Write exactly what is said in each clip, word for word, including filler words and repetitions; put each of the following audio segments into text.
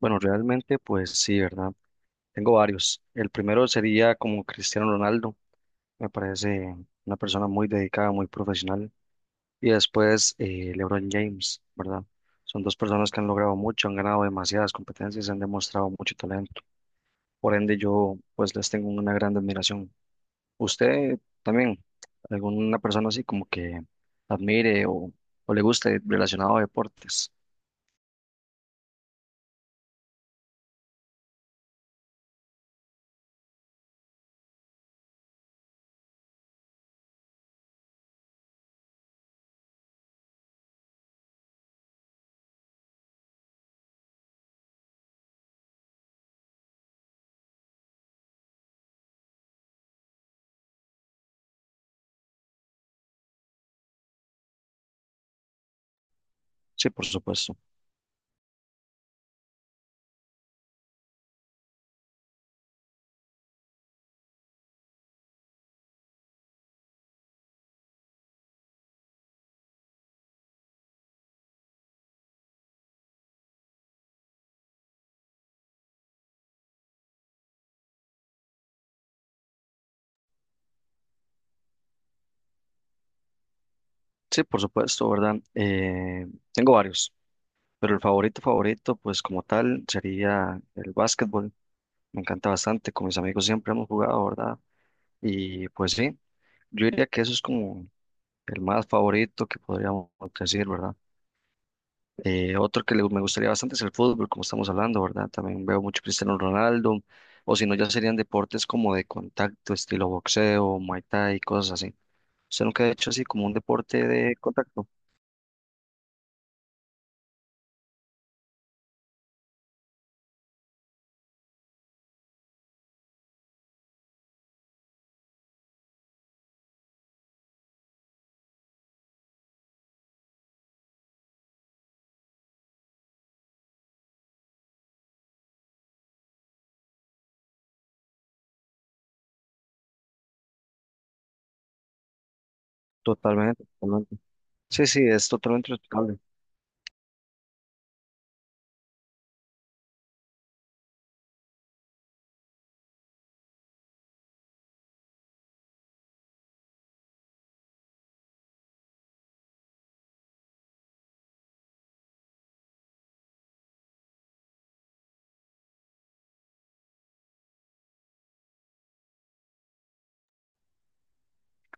Bueno, realmente, pues sí, ¿verdad? Tengo varios. El primero sería como Cristiano Ronaldo. Me parece una persona muy dedicada, muy profesional. Y después eh, LeBron James, ¿verdad? Son dos personas que han logrado mucho, han ganado demasiadas competencias, han demostrado mucho talento. Por ende, yo pues les tengo una gran admiración. ¿Usted también, alguna persona así como que admire o, o le guste relacionado a deportes? Sí, por supuesto. Sí, por supuesto, ¿verdad? Eh, tengo varios. Pero el favorito favorito, pues como tal, sería el básquetbol. Me encanta bastante, con mis amigos siempre hemos jugado, ¿verdad? Y pues sí, yo diría que eso es como el más favorito que podríamos decir, ¿verdad? Eh, otro que le- me gustaría bastante es el fútbol, como estamos hablando, ¿verdad? También veo mucho Cristiano Ronaldo, o si no, ya serían deportes como de contacto, estilo boxeo, muay thai, cosas así. ¿Usted nunca ha hecho así como un deporte de contacto? Totalmente, totalmente. Sí, sí, es totalmente respetable.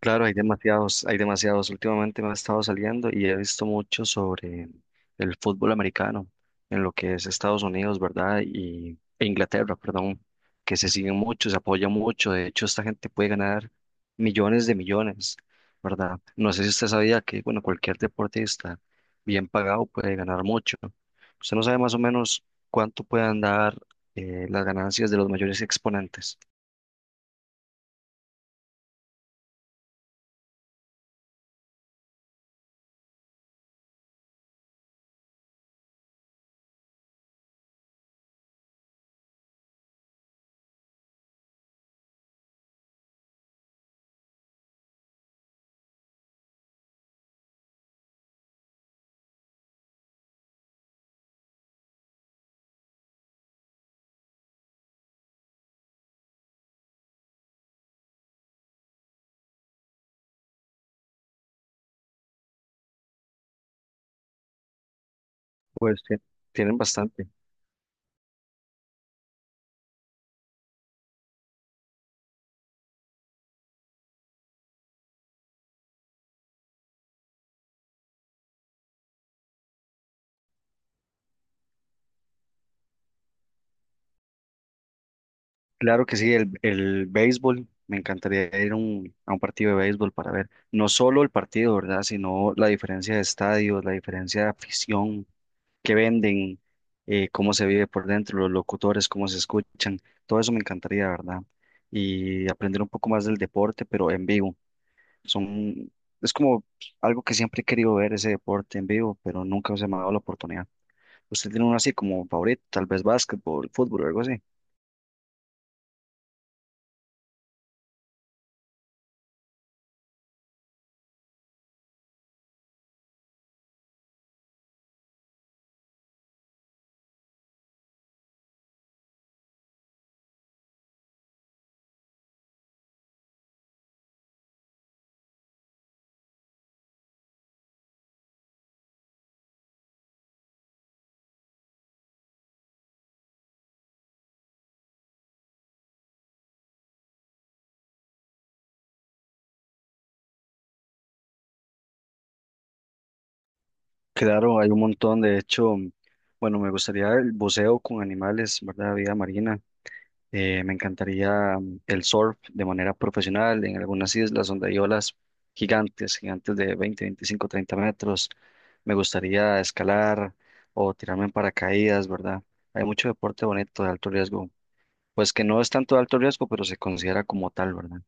Claro, hay demasiados, hay demasiados. Últimamente me ha estado saliendo y he visto mucho sobre el fútbol americano en lo que es Estados Unidos, ¿verdad? Y e Inglaterra, perdón, que se siguen mucho, se apoya mucho. De hecho, esta gente puede ganar millones de millones, ¿verdad? No sé si usted sabía que, bueno, cualquier deportista bien pagado puede ganar mucho. Usted no sabe más o menos cuánto pueden dar eh, las ganancias de los mayores exponentes. Pues sí, tienen bastante. Claro que sí, el, el béisbol, me encantaría ir a un, a un partido de béisbol para ver no solo el partido, ¿verdad? Sino la diferencia de estadios, la diferencia de afición que venden, eh, cómo se vive por dentro, los locutores, cómo se escuchan, todo eso me encantaría, ¿verdad? Y aprender un poco más del deporte, pero en vivo. Son, es como algo que siempre he querido ver, ese deporte en vivo, pero nunca se me ha dado la oportunidad. ¿Usted tiene uno así como favorito, tal vez básquetbol, fútbol o algo así? Claro, hay un montón. De hecho, bueno, me gustaría el buceo con animales, ¿verdad? Vida marina. Eh, me encantaría mm, el surf de manera profesional en algunas islas donde hay olas gigantes, gigantes de veinte veinticinco treinta metros. Me gustaría escalar o tirarme en paracaídas, ¿verdad? Hay mucho deporte bonito de alto riesgo. Pues que no es tanto de alto riesgo, pero se considera como tal, ¿verdad?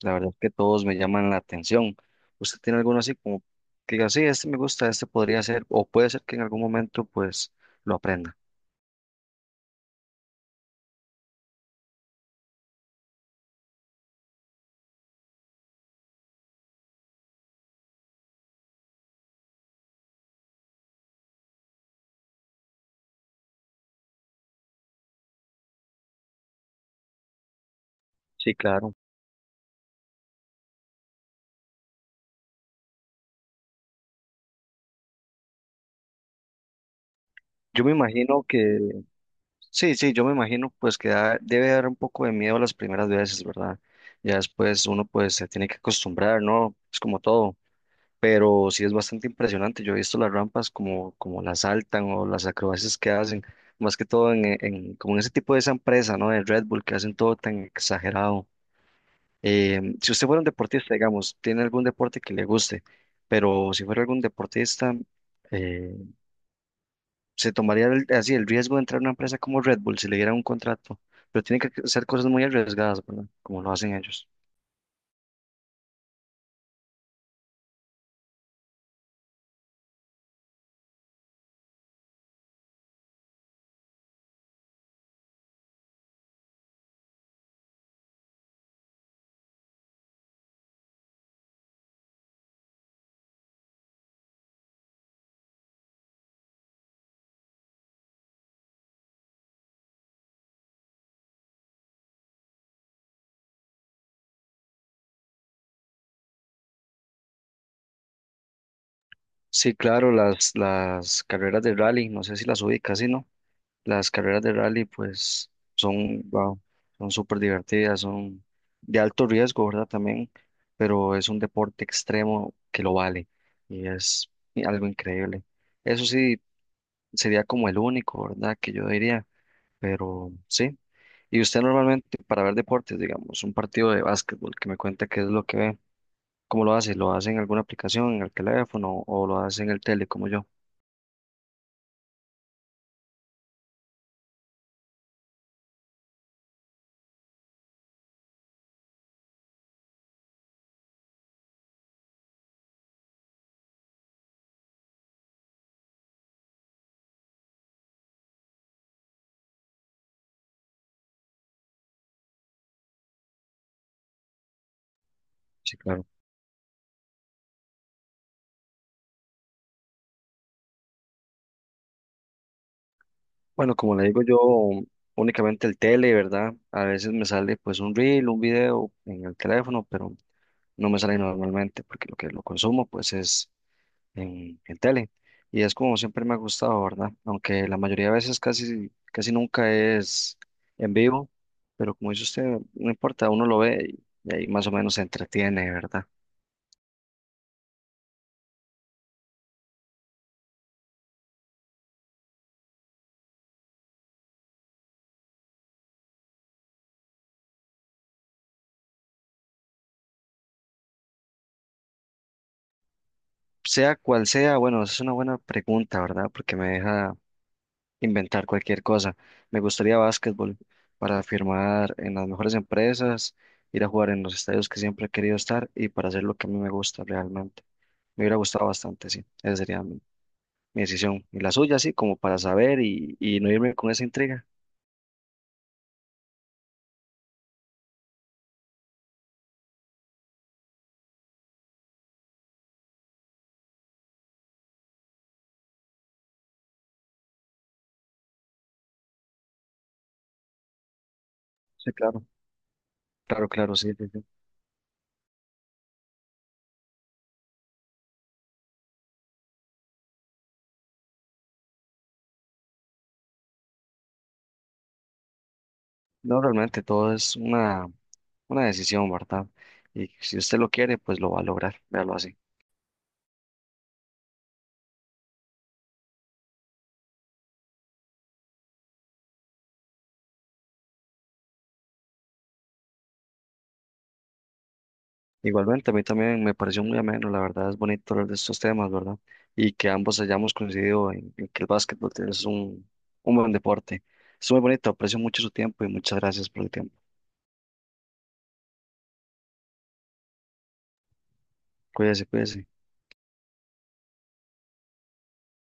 La verdad que todos me llaman la atención. ¿Usted tiene alguno así como que diga, sí, este me gusta, este podría ser, o puede ser que en algún momento pues lo aprenda? Sí, claro. Yo me imagino que, sí, sí, yo me imagino pues que da- debe dar un poco de miedo las primeras veces, ¿verdad? Ya después uno pues se tiene que acostumbrar, ¿no? Es como todo, pero sí es bastante impresionante. Yo he visto las rampas como, como las saltan o las acrobacias que hacen, más que todo en, en, como en ese tipo de esa empresa, ¿no? De Red Bull que hacen todo tan exagerado. Eh, si usted fuera un deportista, digamos, tiene algún deporte que le guste, pero si fuera algún deportista, eh, se tomaría el- así el riesgo de entrar a una empresa como Red Bull si le diera un contrato, pero tiene que ser cosas muy arriesgadas, ¿verdad? Como lo hacen ellos. Sí, claro, las, las carreras de rally, no sé si las ubica, ¿sí, no? Las carreras de rally, pues, son, wow, son súper divertidas, son de alto riesgo, ¿verdad? También, pero es un deporte extremo que lo vale y es algo increíble. Eso sí, sería como el único, ¿verdad? Que yo diría, pero sí. ¿Y usted normalmente para ver deportes, digamos, un partido de básquetbol que me cuenta qué es lo que ve? ¿Cómo lo hace? ¿Lo hace en alguna aplicación, en el teléfono o lo hace en el tele como yo? Sí, claro. Bueno, como le digo yo, únicamente el tele, ¿verdad? A veces me sale pues un reel, un video en el teléfono, pero no me sale normalmente porque lo que lo consumo pues es en el tele. Y es como siempre me ha gustado, ¿verdad? Aunque la mayoría de veces casi, casi nunca es en vivo, pero como dice usted, no importa, uno lo ve y, y ahí más o menos se entretiene, ¿verdad? Sea cual sea, bueno, esa es una buena pregunta, ¿verdad? Porque me deja inventar cualquier cosa. Me gustaría básquetbol para firmar en las mejores empresas, ir a jugar en los estadios que siempre he querido estar y para hacer lo que a mí me gusta realmente. Me hubiera gustado bastante, sí. Esa sería mi, mi decisión. Y la suya, sí, como para saber y, y no irme con esa intriga. Sí, claro. Claro, claro, sí, sí, sí. No, realmente todo es una, una decisión, ¿verdad? Y si usted lo quiere, pues lo va a lograr. Véalo así. Igualmente, a mí también me pareció muy ameno, la verdad es bonito hablar de estos temas, ¿verdad? Y que ambos hayamos coincidido en, en que el básquetbol es un, un buen deporte. Es muy bonito, aprecio mucho su tiempo y muchas gracias por el tiempo. Cuídese, cuídese.